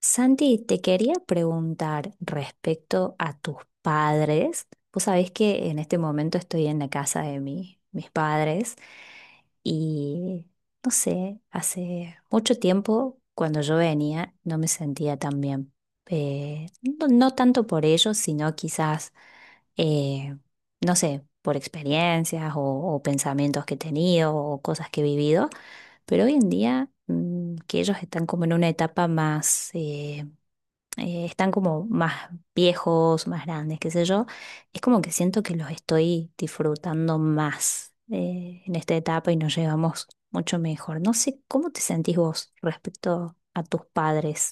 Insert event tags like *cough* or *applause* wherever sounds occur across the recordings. Santi, te quería preguntar respecto a tus padres. Vos sabés que en este momento estoy en la casa de mi- mis padres y no sé, hace mucho tiempo cuando yo venía no me sentía tan bien. Eh, no, no tanto por ellos, sino quizás, eh, no sé, por experiencias o pensamientos que he tenido o cosas que he vivido, pero hoy en día que ellos están como en una etapa más están como más viejos, más grandes, qué sé yo. Es como que siento que los estoy disfrutando más en esta etapa y nos llevamos mucho mejor. No sé cómo te sentís vos respecto a tus padres,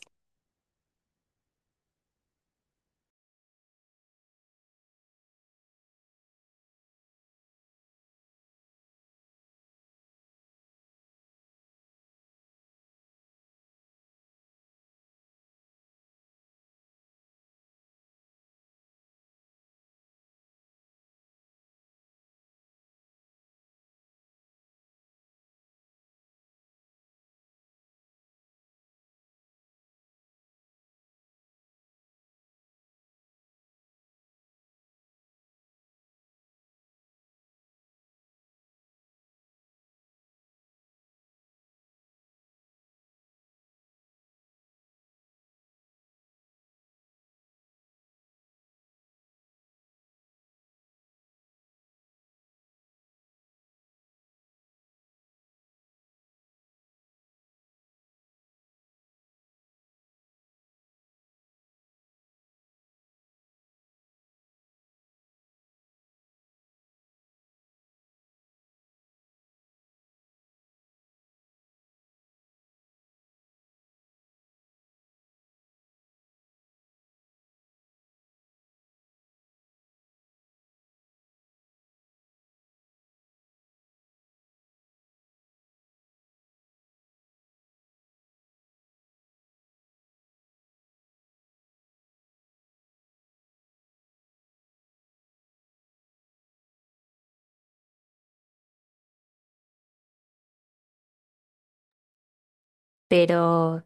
pero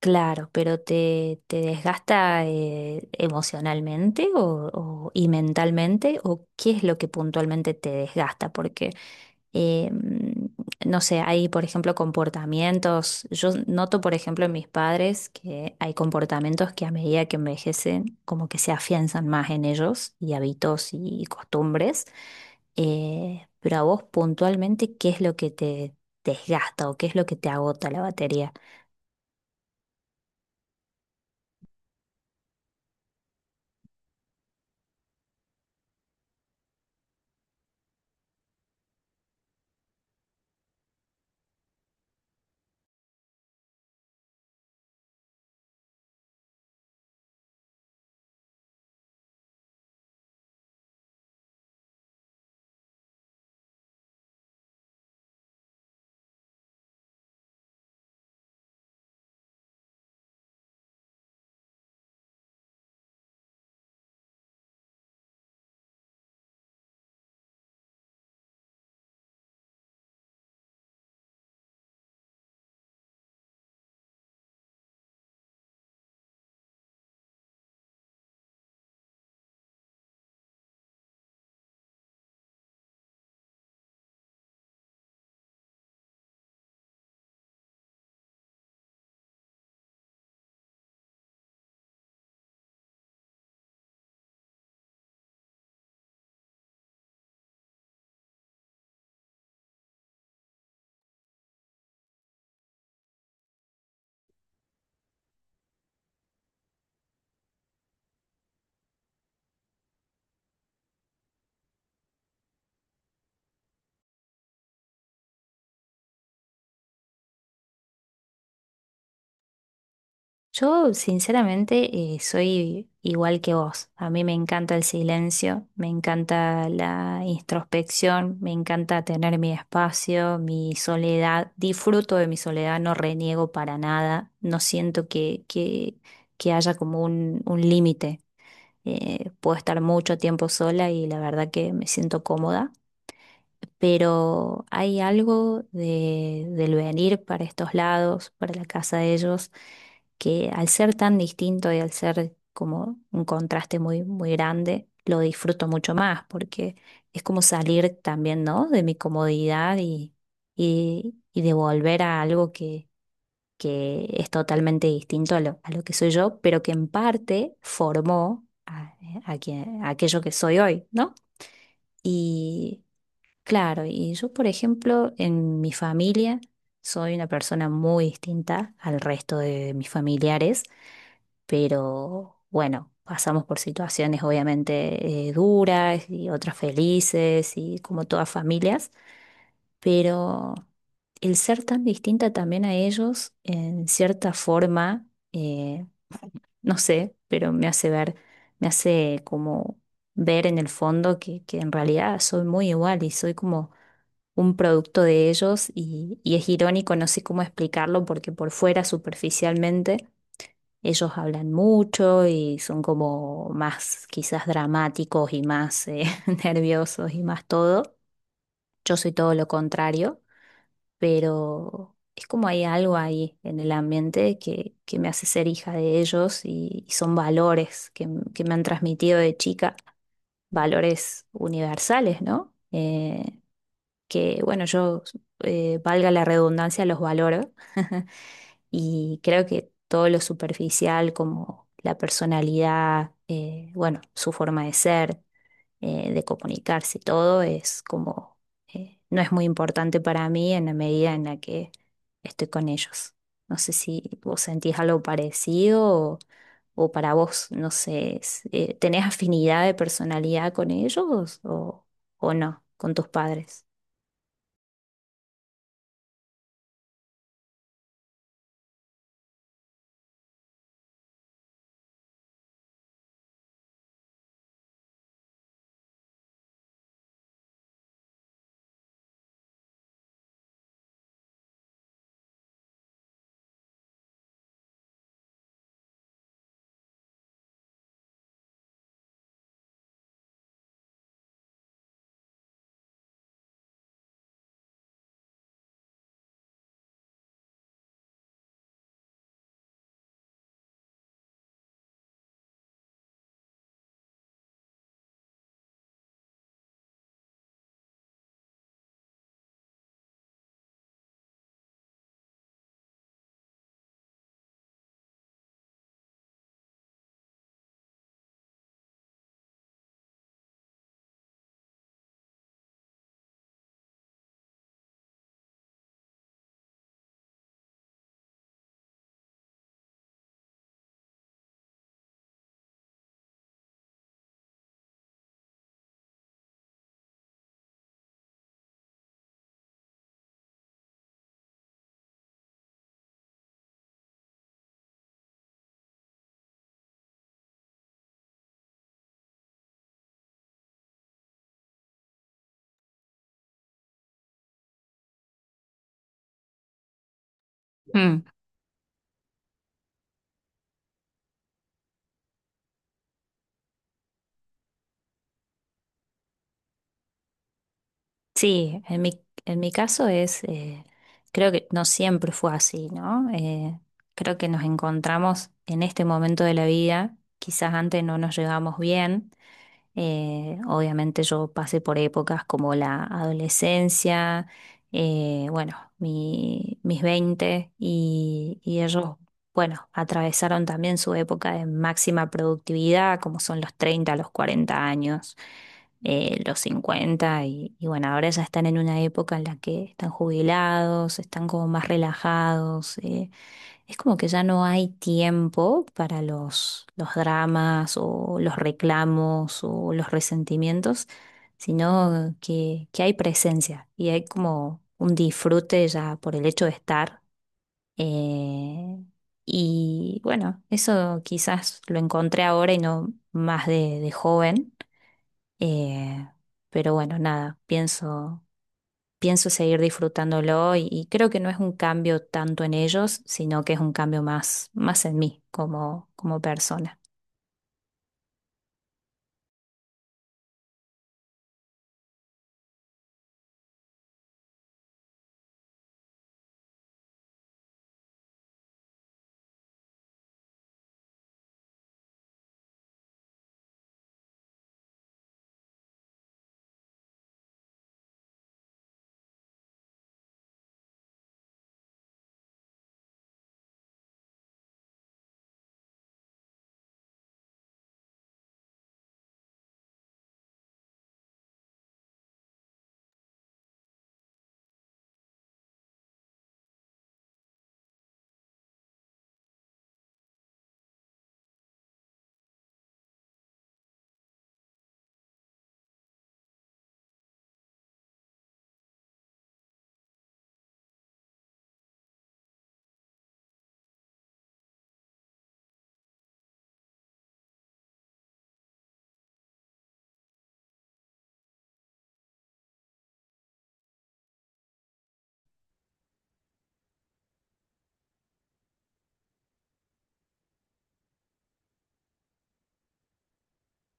claro, pero ¿te, te desgasta emocionalmente o- y mentalmente? ¿O qué es lo que puntualmente te desgasta? Porque, eh, mm, no sé, hay, por ejemplo, comportamientos. Yo noto, por ejemplo, en mis padres que hay comportamientos que a medida que envejecen, como que se afianzan más en ellos y hábitos y costumbres. Pero a vos puntualmente, ¿qué es lo que te desgasta o qué es lo que te agota la batería? Yo, sinceramente, soy igual que vos. A mí me encanta el silencio, me encanta la introspección, me encanta tener mi espacio, mi soledad. Disfruto de mi soledad, no reniego para nada. No siento que haya como un límite. Puedo estar mucho tiempo sola y la verdad que me siento cómoda, pero hay algo de, del venir para estos lados, para la casa de ellos, que al ser tan distinto y al ser como un contraste muy grande, lo disfruto mucho más, porque es como salir también, ¿no?, de mi comodidad y de volver a algo que es totalmente distinto a lo que soy yo, pero que en parte formó a quien- a aquello que soy hoy, ¿no? Y claro, y yo, por ejemplo, en mi familia soy una persona muy distinta al resto de mis familiares, pero bueno, pasamos por situaciones obviamente duras y otras felices y como todas familias, pero el ser tan distinta también a ellos, en cierta forma, eh, no sé, pero me hace ver, me hace como ver en el fondo que en realidad soy muy igual y soy como un producto de ellos y es irónico, no sé cómo explicarlo, porque por fuera, superficialmente, ellos hablan mucho y son como más quizás dramáticos y más *laughs* nerviosos y más todo. Yo soy todo lo contrario, pero es como hay algo ahí en el ambiente que me hace ser hija de ellos y son valores que, m- que me han transmitido de chica, valores universales, ¿no? Que, bueno, yo, valga la redundancia, los valoro *laughs* y creo que todo lo superficial como la personalidad, bueno, su forma de ser, de comunicarse, todo es como, no es muy importante para mí en la medida en la que estoy con ellos. No sé si vos sentís algo parecido o para vos, no sé, es- ¿tenés afinidad de personalidad con ellos o no, con tus padres? Sí, en mi caso es, creo que no siempre fue así, ¿no? Creo que nos encontramos en este momento de la vida, quizás antes no nos llevamos bien. Obviamente yo pasé por épocas como la adolescencia, bueno, mi- mis 20 y ellos, bueno, atravesaron también su época de máxima productividad, como son los 30 los 40 años, los 50 y bueno, ahora ya están en una época en la que están jubilados, están como más relajados. Es como que ya no hay tiempo para los dramas o los reclamos o los resentimientos, sino que hay presencia y hay como un disfrute ya por el hecho de estar. eh, y bueno, eso quizás lo encontré ahora y no más de joven, eh, pero bueno, nada, pienso seguir disfrutándolo y creo que no es un cambio tanto en ellos, sino que es un cambio más, más en mí como, como persona.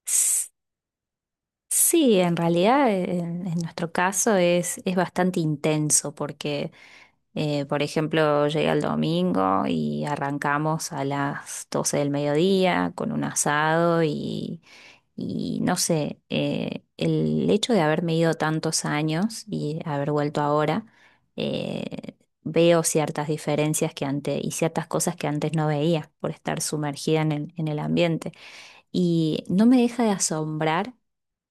S- Sí, en realidad en nuestro caso es bastante intenso porque por ejemplo, llegué el domingo y arrancamos a las 12 del mediodía con un asado y no sé, el hecho de haberme ido tantos años y haber vuelto ahora, eh, veo ciertas diferencias que antes y ciertas cosas que antes no veía por estar sumergida en el ambiente. Y no me deja de asombrar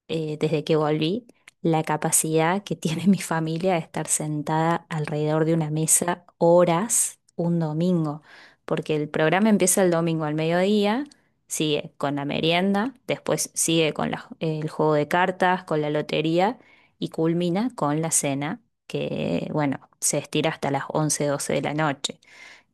desde que volví, la capacidad que tiene *laughs* mi familia de estar sentada alrededor de una mesa horas un domingo, porque el programa empieza el domingo al mediodía, sigue con la merienda, después sigue con la- el juego de cartas, con la lotería y culmina con la cena, que bueno, se estira hasta las 11, 12 de la noche.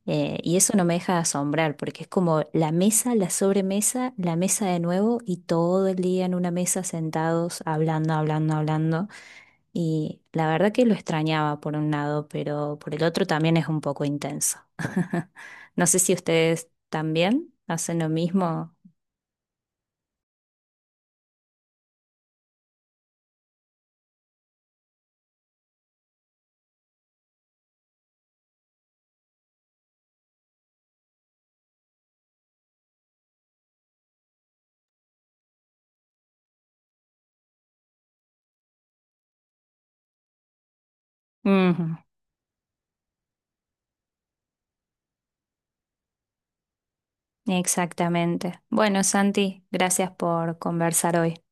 Y eso no me deja de asombrar, porque es como la mesa, la sobremesa, la mesa de nuevo y todo el día en una mesa sentados, hablando, hablando, hablando. Y la verdad que lo extrañaba por un lado, pero por el otro también es un poco intenso. *laughs* No sé si ustedes también hacen lo mismo. Ujú, exactamente. Bueno, Santi, gracias por conversar hoy.